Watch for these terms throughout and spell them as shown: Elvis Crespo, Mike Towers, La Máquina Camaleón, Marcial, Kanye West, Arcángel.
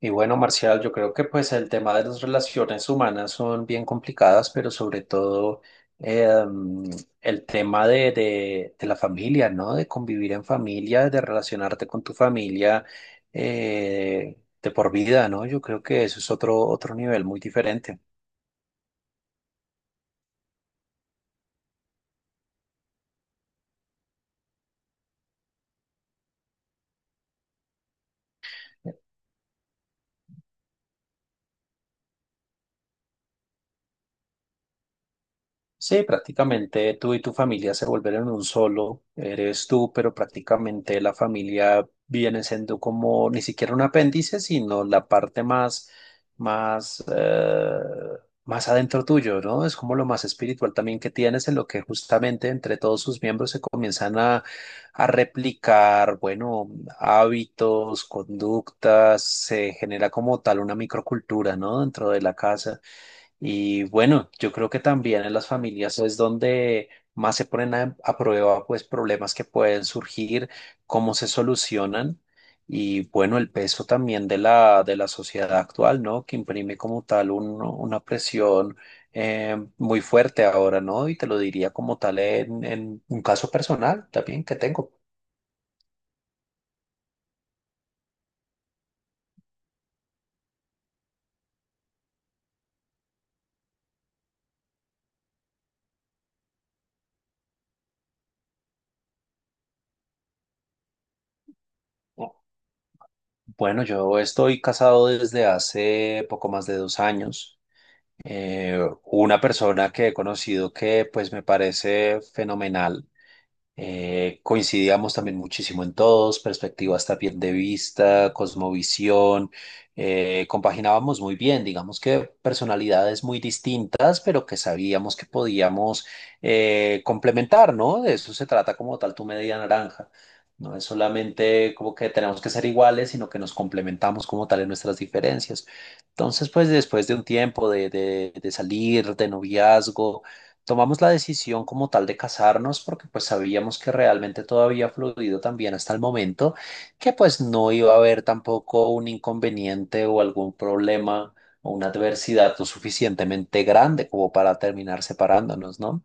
Y bueno, Marcial, yo creo que pues el tema de las relaciones humanas son bien complicadas, pero sobre todo eh, mm, el tema de la familia, ¿no? De convivir en familia, de relacionarte con tu familia de por vida, ¿no? Yo creo que eso es otro nivel muy diferente. Sí, prácticamente tú y tu familia se volvieron un solo, eres tú, pero prácticamente la familia viene siendo como ni siquiera un apéndice, sino la parte más, eh, más adentro tuyo, ¿no? Es como lo más espiritual también que tienes, en lo que justamente entre todos sus miembros se comienzan a replicar, bueno, hábitos, conductas, se genera como tal una microcultura, ¿no? Dentro de la casa. Y bueno, yo creo que también en las familias es donde más se ponen a prueba pues problemas que pueden surgir, cómo se solucionan y bueno, el peso también de la sociedad actual, ¿no? Que imprime como tal una presión muy fuerte ahora, ¿no? Y te lo diría como tal en un caso personal también que tengo. Bueno, yo estoy casado desde hace poco más de 2 años. Eh, una persona que he conocido que pues me parece fenomenal coincidíamos también muchísimo en todos, perspectivas también de vista, cosmovisión, compaginábamos muy bien, digamos que personalidades muy distintas, pero que sabíamos que podíamos complementar, ¿no? De eso se trata como tal tu media naranja. No es solamente como que tenemos que ser iguales, sino que nos complementamos como tal en nuestras diferencias. Entonces, pues después de un tiempo de salir, de noviazgo, tomamos la decisión como tal de casarnos porque pues sabíamos que realmente todo había fluido también hasta el momento, que pues no iba a haber tampoco un inconveniente o algún problema o una adversidad lo suficientemente grande como para terminar separándonos, ¿no?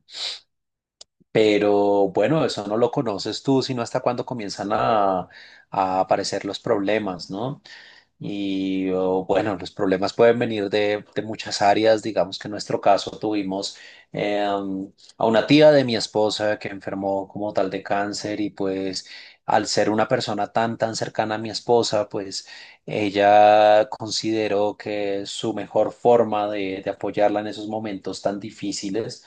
Pero bueno, eso no lo conoces tú, sino hasta cuando comienzan a aparecer los problemas, ¿no? Y oh, bueno, los problemas pueden venir de muchas áreas. Digamos que en nuestro caso tuvimos eh, a una tía de mi esposa que enfermó como tal de cáncer y pues al ser una persona tan, tan cercana a mi esposa, pues ella consideró que su mejor forma de apoyarla en esos momentos tan difíciles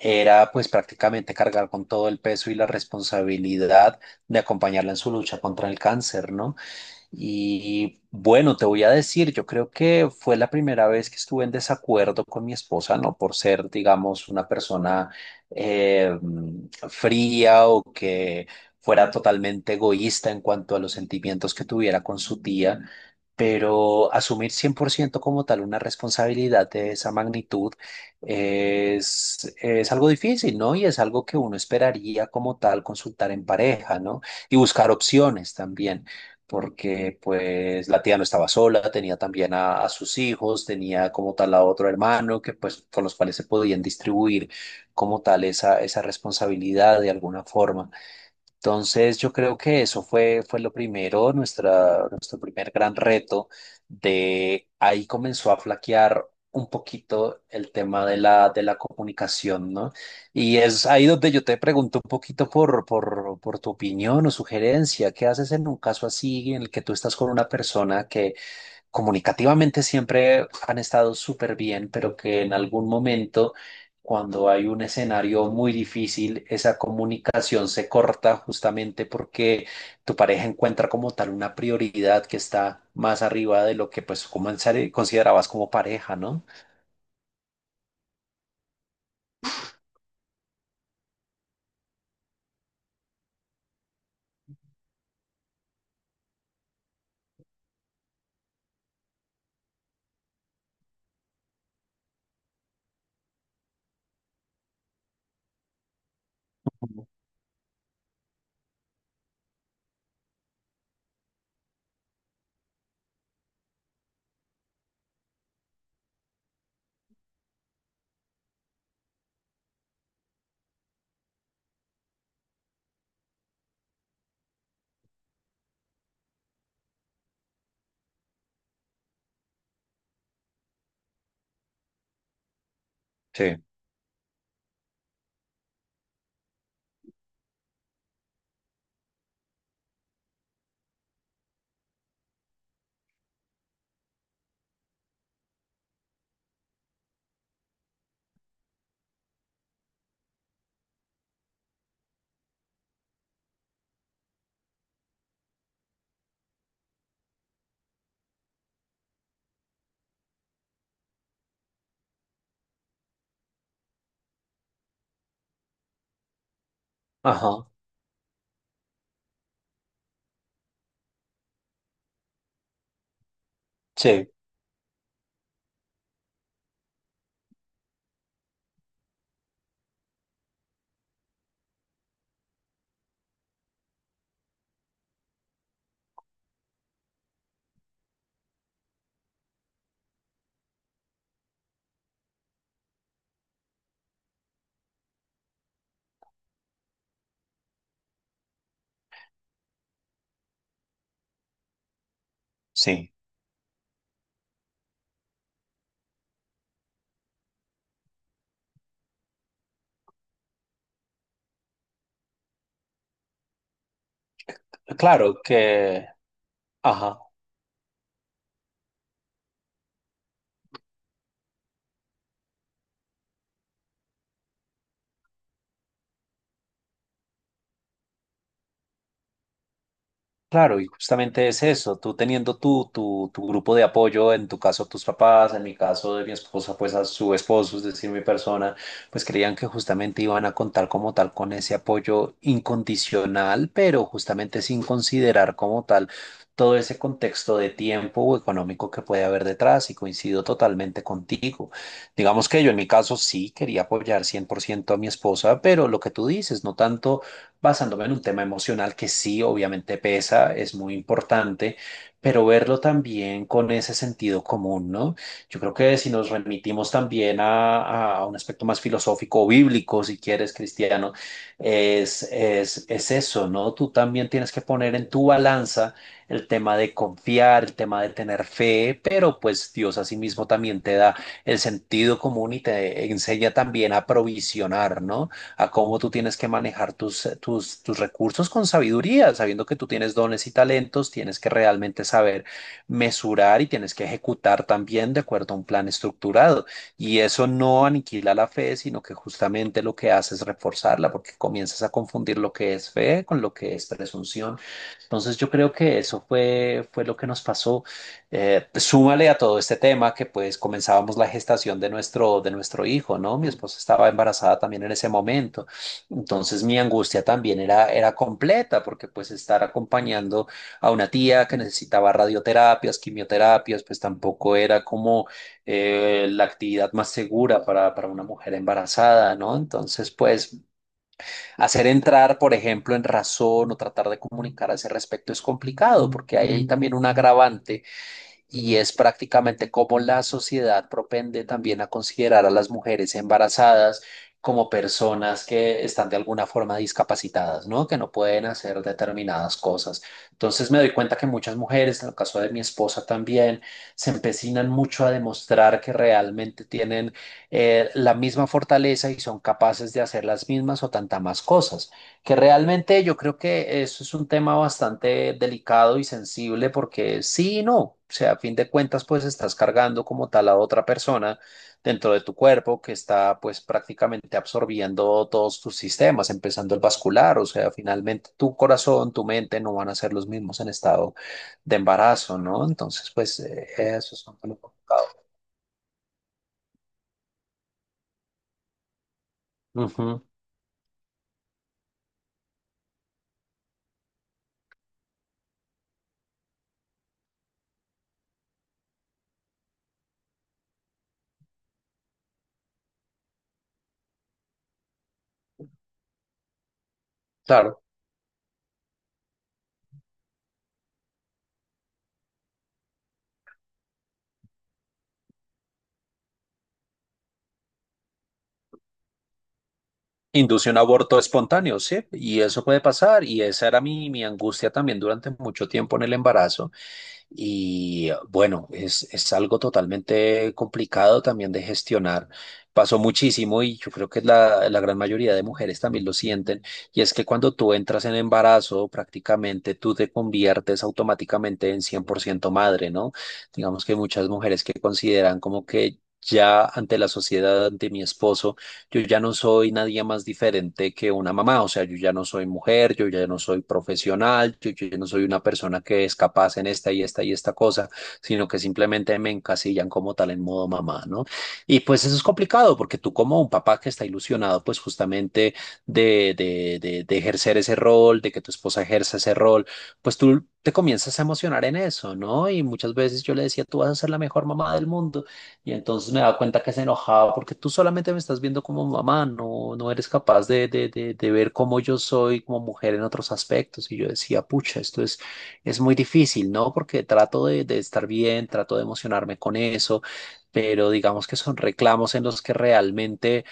era pues prácticamente cargar con todo el peso y la responsabilidad de acompañarla en su lucha contra el cáncer, ¿no? Y bueno, te voy a decir, yo creo que fue la primera vez que estuve en desacuerdo con mi esposa, no por ser, digamos, una persona eh, fría o que fuera totalmente egoísta en cuanto a los sentimientos que tuviera con su tía, pero asumir 100% como tal una responsabilidad de esa magnitud es algo difícil, ¿no? Y es algo que uno esperaría como tal consultar en pareja, ¿no? Y buscar opciones también porque pues la tía no estaba sola, tenía también a sus hijos, tenía como tal a otro hermano que pues con los cuales se podían distribuir como tal esa responsabilidad de alguna forma. Entonces, yo creo que eso fue lo primero, nuestro primer gran reto de ahí comenzó a flaquear un poquito el tema de la comunicación, ¿no? Y es ahí donde yo te pregunto un poquito por tu opinión o sugerencia. ¿Qué haces en un caso así en el que tú estás con una persona que comunicativamente siempre han estado súper bien, pero que en algún momento, cuando hay un escenario muy difícil, esa comunicación se corta justamente porque tu pareja encuentra como tal una prioridad que está más arriba de lo que pues como en serio considerabas como pareja, ¿no? Ujú. Sí. Ajá, sí, sí. Claro que, ajá. Claro, y justamente es eso, tú teniendo tu grupo de apoyo, en tu caso tus papás, en mi caso de mi esposa, pues a su esposo, es decir, mi persona, pues creían que justamente iban a contar como tal con ese apoyo incondicional, pero justamente sin considerar como tal todo ese contexto de tiempo o económico que puede haber detrás, y coincido totalmente contigo. Digamos que yo en mi caso sí quería apoyar 100% a mi esposa, pero lo que tú dices, no tanto basándome en un tema emocional que sí, obviamente pesa, es muy importante, pero verlo también con ese sentido común, ¿no? Yo creo que si nos remitimos también a un aspecto más filosófico o bíblico, si quieres, cristiano, es eso, ¿no? Tú también tienes que poner en tu balanza el tema de confiar, el tema de tener fe, pero pues Dios asimismo también te da el sentido común y te enseña también a provisionar, ¿no? A cómo tú tienes que manejar tus recursos con sabiduría, sabiendo que tú tienes dones y talentos, tienes que realmente saber mesurar y tienes que ejecutar también de acuerdo a un plan estructurado. Y eso no aniquila la fe, sino que justamente lo que hace es reforzarla, porque comienzas a confundir lo que es fe con lo que es presunción. Entonces yo creo que eso fue lo que nos pasó. Pues, súmale a todo este tema que pues comenzábamos la gestación de nuestro hijo, ¿no? Mi esposa estaba embarazada también en ese momento. Entonces mi angustia también era completa porque pues estar acompañando a una tía que necesitaba radioterapias, quimioterapias, pues tampoco era como la actividad más segura para una mujer embarazada, ¿no? Entonces pues hacer entrar, por ejemplo, en razón o tratar de comunicar a ese respecto es complicado porque hay ahí también un agravante y es prácticamente cómo la sociedad propende también a considerar a las mujeres embarazadas como personas que están de alguna forma discapacitadas, ¿no? Que no pueden hacer determinadas cosas. Entonces me doy cuenta que muchas mujeres, en el caso de mi esposa también, se empecinan mucho a demostrar que realmente tienen la misma fortaleza y son capaces de hacer las mismas o tantas más cosas, que realmente yo creo que eso es un tema bastante delicado y sensible porque sí y no, o sea, a fin de cuentas pues estás cargando como tal a otra persona dentro de tu cuerpo que está pues prácticamente absorbiendo todos tus sistemas, empezando el vascular, o sea, finalmente tu corazón, tu mente no van a ser los mismos en estado de embarazo, ¿no? Entonces pues eso es un poco complicado. Ujú, claro. Induce un aborto espontáneo, ¿sí? Y eso puede pasar, y esa era mi angustia también durante mucho tiempo en el embarazo. Y bueno, es algo totalmente complicado también de gestionar. Pasó muchísimo y yo creo que la gran mayoría de mujeres también lo sienten. Y es que cuando tú entras en embarazo, prácticamente tú te conviertes automáticamente en 100% madre, ¿no? Digamos que hay muchas mujeres que consideran como que ya ante la sociedad, ante mi esposo, yo ya no soy nadie más diferente que una mamá, o sea, yo ya no soy mujer, yo ya no soy profesional, yo ya no soy una persona que es capaz en esta y esta y esta cosa, sino que simplemente me encasillan como tal en modo mamá, ¿no? Y pues eso es complicado porque tú como un papá que está ilusionado pues justamente de ejercer ese rol, de que tu esposa ejerza ese rol, pues tú te comienzas a emocionar en eso, ¿no? Y muchas veces yo le decía, tú vas a ser la mejor mamá del mundo. Y entonces me daba cuenta que se enojaba porque tú solamente me estás viendo como mamá, no, no eres capaz de ver cómo yo soy como mujer en otros aspectos. Y yo decía, pucha, esto es muy difícil, ¿no? Porque trato de estar bien, trato de emocionarme con eso, pero digamos que son reclamos en los que realmente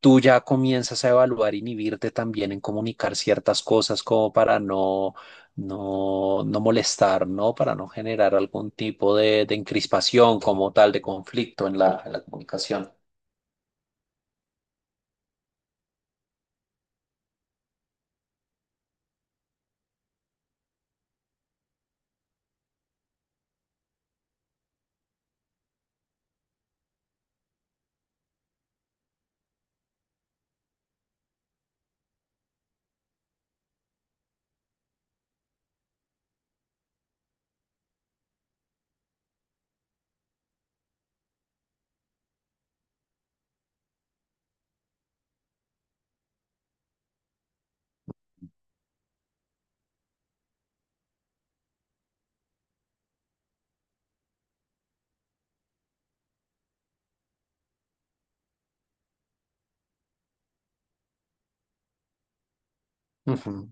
tú ya comienzas a evaluar, inhibirte también en comunicar ciertas cosas como para no no, no molestar, ¿no? Para no generar algún tipo de encrispación como tal, de conflicto en la comunicación. Ujú.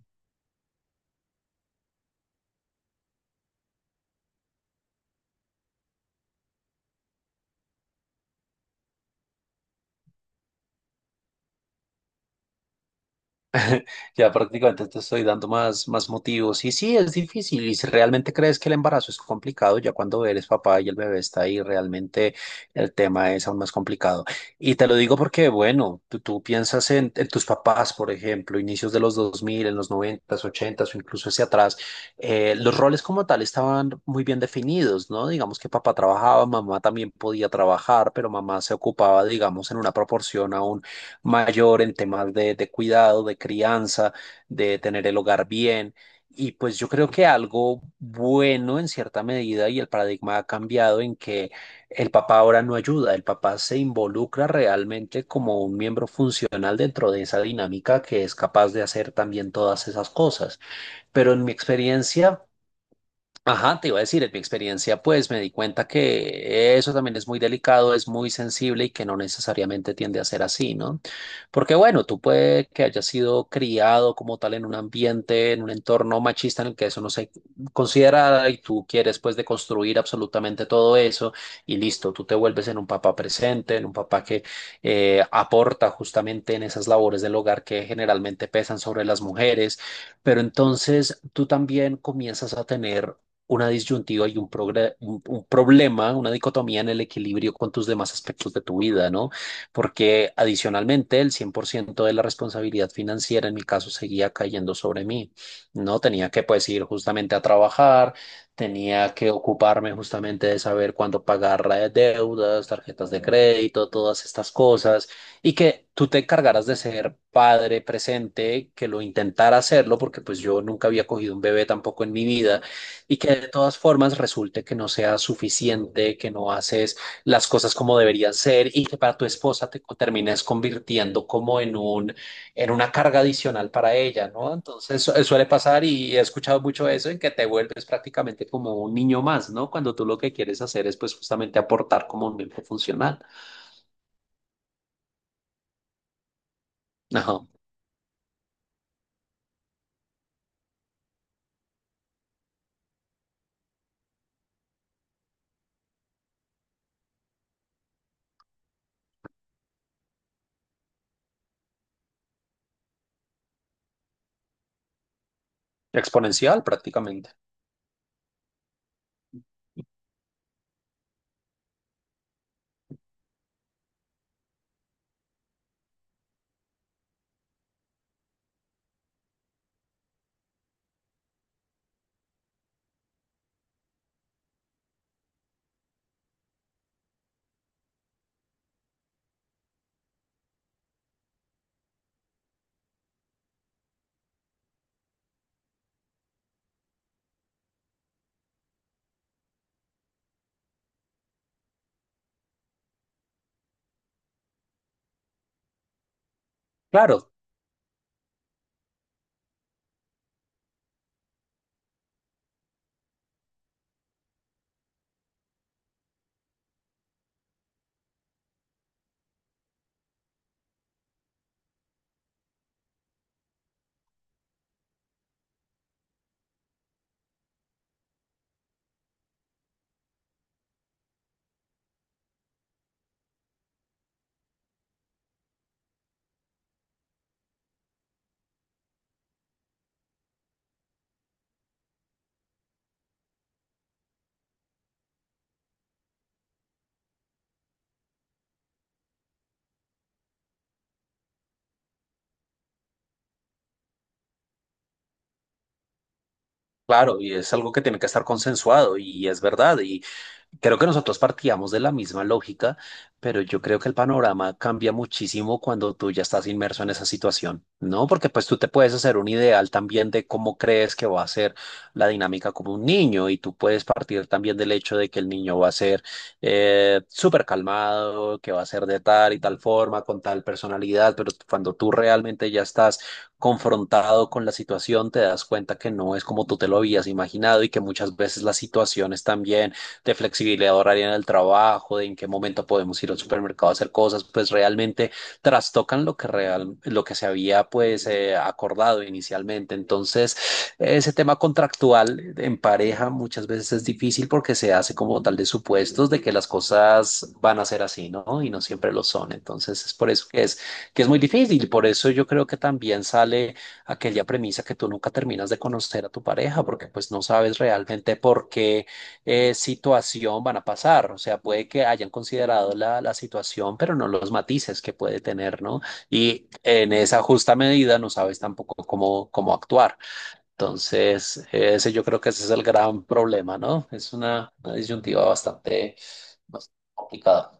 Ya prácticamente te estoy dando más, más motivos. Y sí, es difícil. Y si realmente crees que el embarazo es complicado, ya cuando eres papá y el bebé está ahí, realmente el tema es aún más complicado. Y te lo digo porque, bueno, tú piensas en tus papás, por ejemplo, inicios de los 2000 en los 90, 80 o incluso hacia atrás, los roles como tal estaban muy bien definidos, ¿no? Digamos que papá trabajaba, mamá también podía trabajar, pero mamá se ocupaba, digamos, en una proporción aún mayor en temas de cuidado, de crianza, de tener el hogar bien. Y pues yo creo que algo bueno en cierta medida y el paradigma ha cambiado en que el papá ahora no ayuda, el papá se involucra realmente como un miembro funcional dentro de esa dinámica que es capaz de hacer también todas esas cosas. Pero en mi experiencia... Ajá, te iba a decir, en mi experiencia, pues me di cuenta que eso también es muy delicado, es muy sensible y que no necesariamente tiende a ser así, ¿no? Porque bueno, tú puede que hayas sido criado como tal en un ambiente, en un entorno machista en el que eso no se considera y tú quieres pues deconstruir absolutamente todo eso y listo, tú te vuelves en un papá presente, en un papá que aporta justamente en esas labores del hogar que generalmente pesan sobre las mujeres. Pero entonces tú también comienzas a tener una disyuntiva y un problema, una dicotomía en el equilibrio con tus demás aspectos de tu vida, ¿no? Porque adicionalmente el 100% de la responsabilidad financiera en mi caso seguía cayendo sobre mí, ¿no? Tenía que pues ir justamente a trabajar, tenía que ocuparme justamente de saber cuándo pagar deudas, tarjetas de crédito, todas estas cosas, y que tú te encargaras de ser padre presente, que lo intentara hacerlo, porque pues yo nunca había cogido un bebé tampoco en mi vida y que de todas formas resulte que no sea suficiente, que no haces las cosas como deberían ser y que para tu esposa termines convirtiendo como en un, en una carga adicional para ella, ¿no? Entonces suele pasar y he escuchado mucho eso en que te vuelves prácticamente como un niño más, ¿no? Cuando tú lo que quieres hacer es pues justamente aportar como un miembro funcional. Ajá. Exponencial prácticamente. Claro, claro, y es algo que tiene que estar consensuado y es verdad. Y creo que nosotros partíamos de la misma lógica, pero yo creo que el panorama cambia muchísimo cuando tú ya estás inmerso en esa situación, ¿no? Porque pues tú te puedes hacer un ideal también de cómo crees que va a ser la dinámica como un niño y tú puedes partir también del hecho de que el niño va a ser súper calmado, que va a ser de tal y tal forma, con tal personalidad, pero cuando tú realmente ya estás confrontado con la situación, te das cuenta que no es como tú te lo habías imaginado y que muchas veces las situaciones también de flexibilidad horaria en el trabajo, de en qué momento podemos ir al supermercado a hacer cosas, pues realmente trastocan lo que real, lo que se había pues acordado inicialmente. Entonces, ese tema contractual en pareja muchas veces es difícil porque se hace como tal de supuestos de que las cosas van a ser así, ¿no? Y no siempre lo son. Entonces, es por eso que es muy difícil. Por eso yo creo que también sale aquella premisa que tú nunca terminas de conocer a tu pareja, porque pues no sabes realmente por qué situación van a pasar. O sea, puede que hayan considerado la situación, pero no los matices que puede tener, ¿no? Y en esa justa medida no sabes tampoco cómo, cómo actuar. Entonces, ese yo creo que ese es el gran problema, ¿no? Es una disyuntiva bastante, bastante complicada.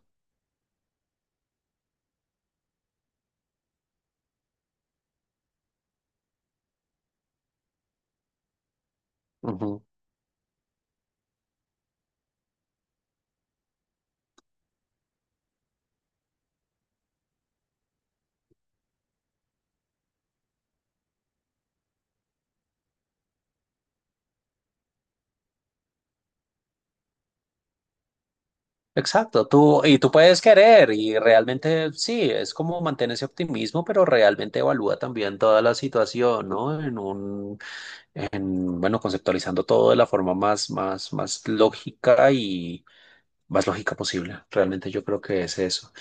Ujú. Exacto, tú y tú puedes querer y realmente sí, es como mantener ese optimismo, pero realmente evalúa también toda la situación, ¿no? Bueno, conceptualizando todo de la forma más, más, más lógica y más lógica posible. Realmente yo creo que es eso.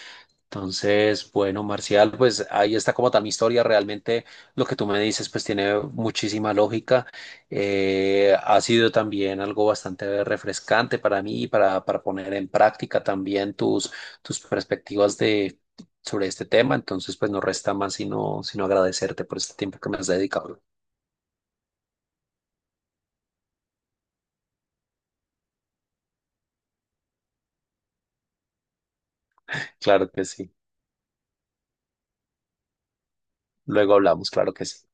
Entonces, bueno, Marcial, pues ahí está como tal mi historia. Realmente lo que tú me dices, pues tiene muchísima lógica. Ha sido también algo bastante refrescante para mí, para poner en práctica también tus, tus perspectivas de... sobre este tema, entonces pues no resta más sino, sino agradecerte por este tiempo que me has dedicado. Claro que sí. Luego hablamos, claro que sí.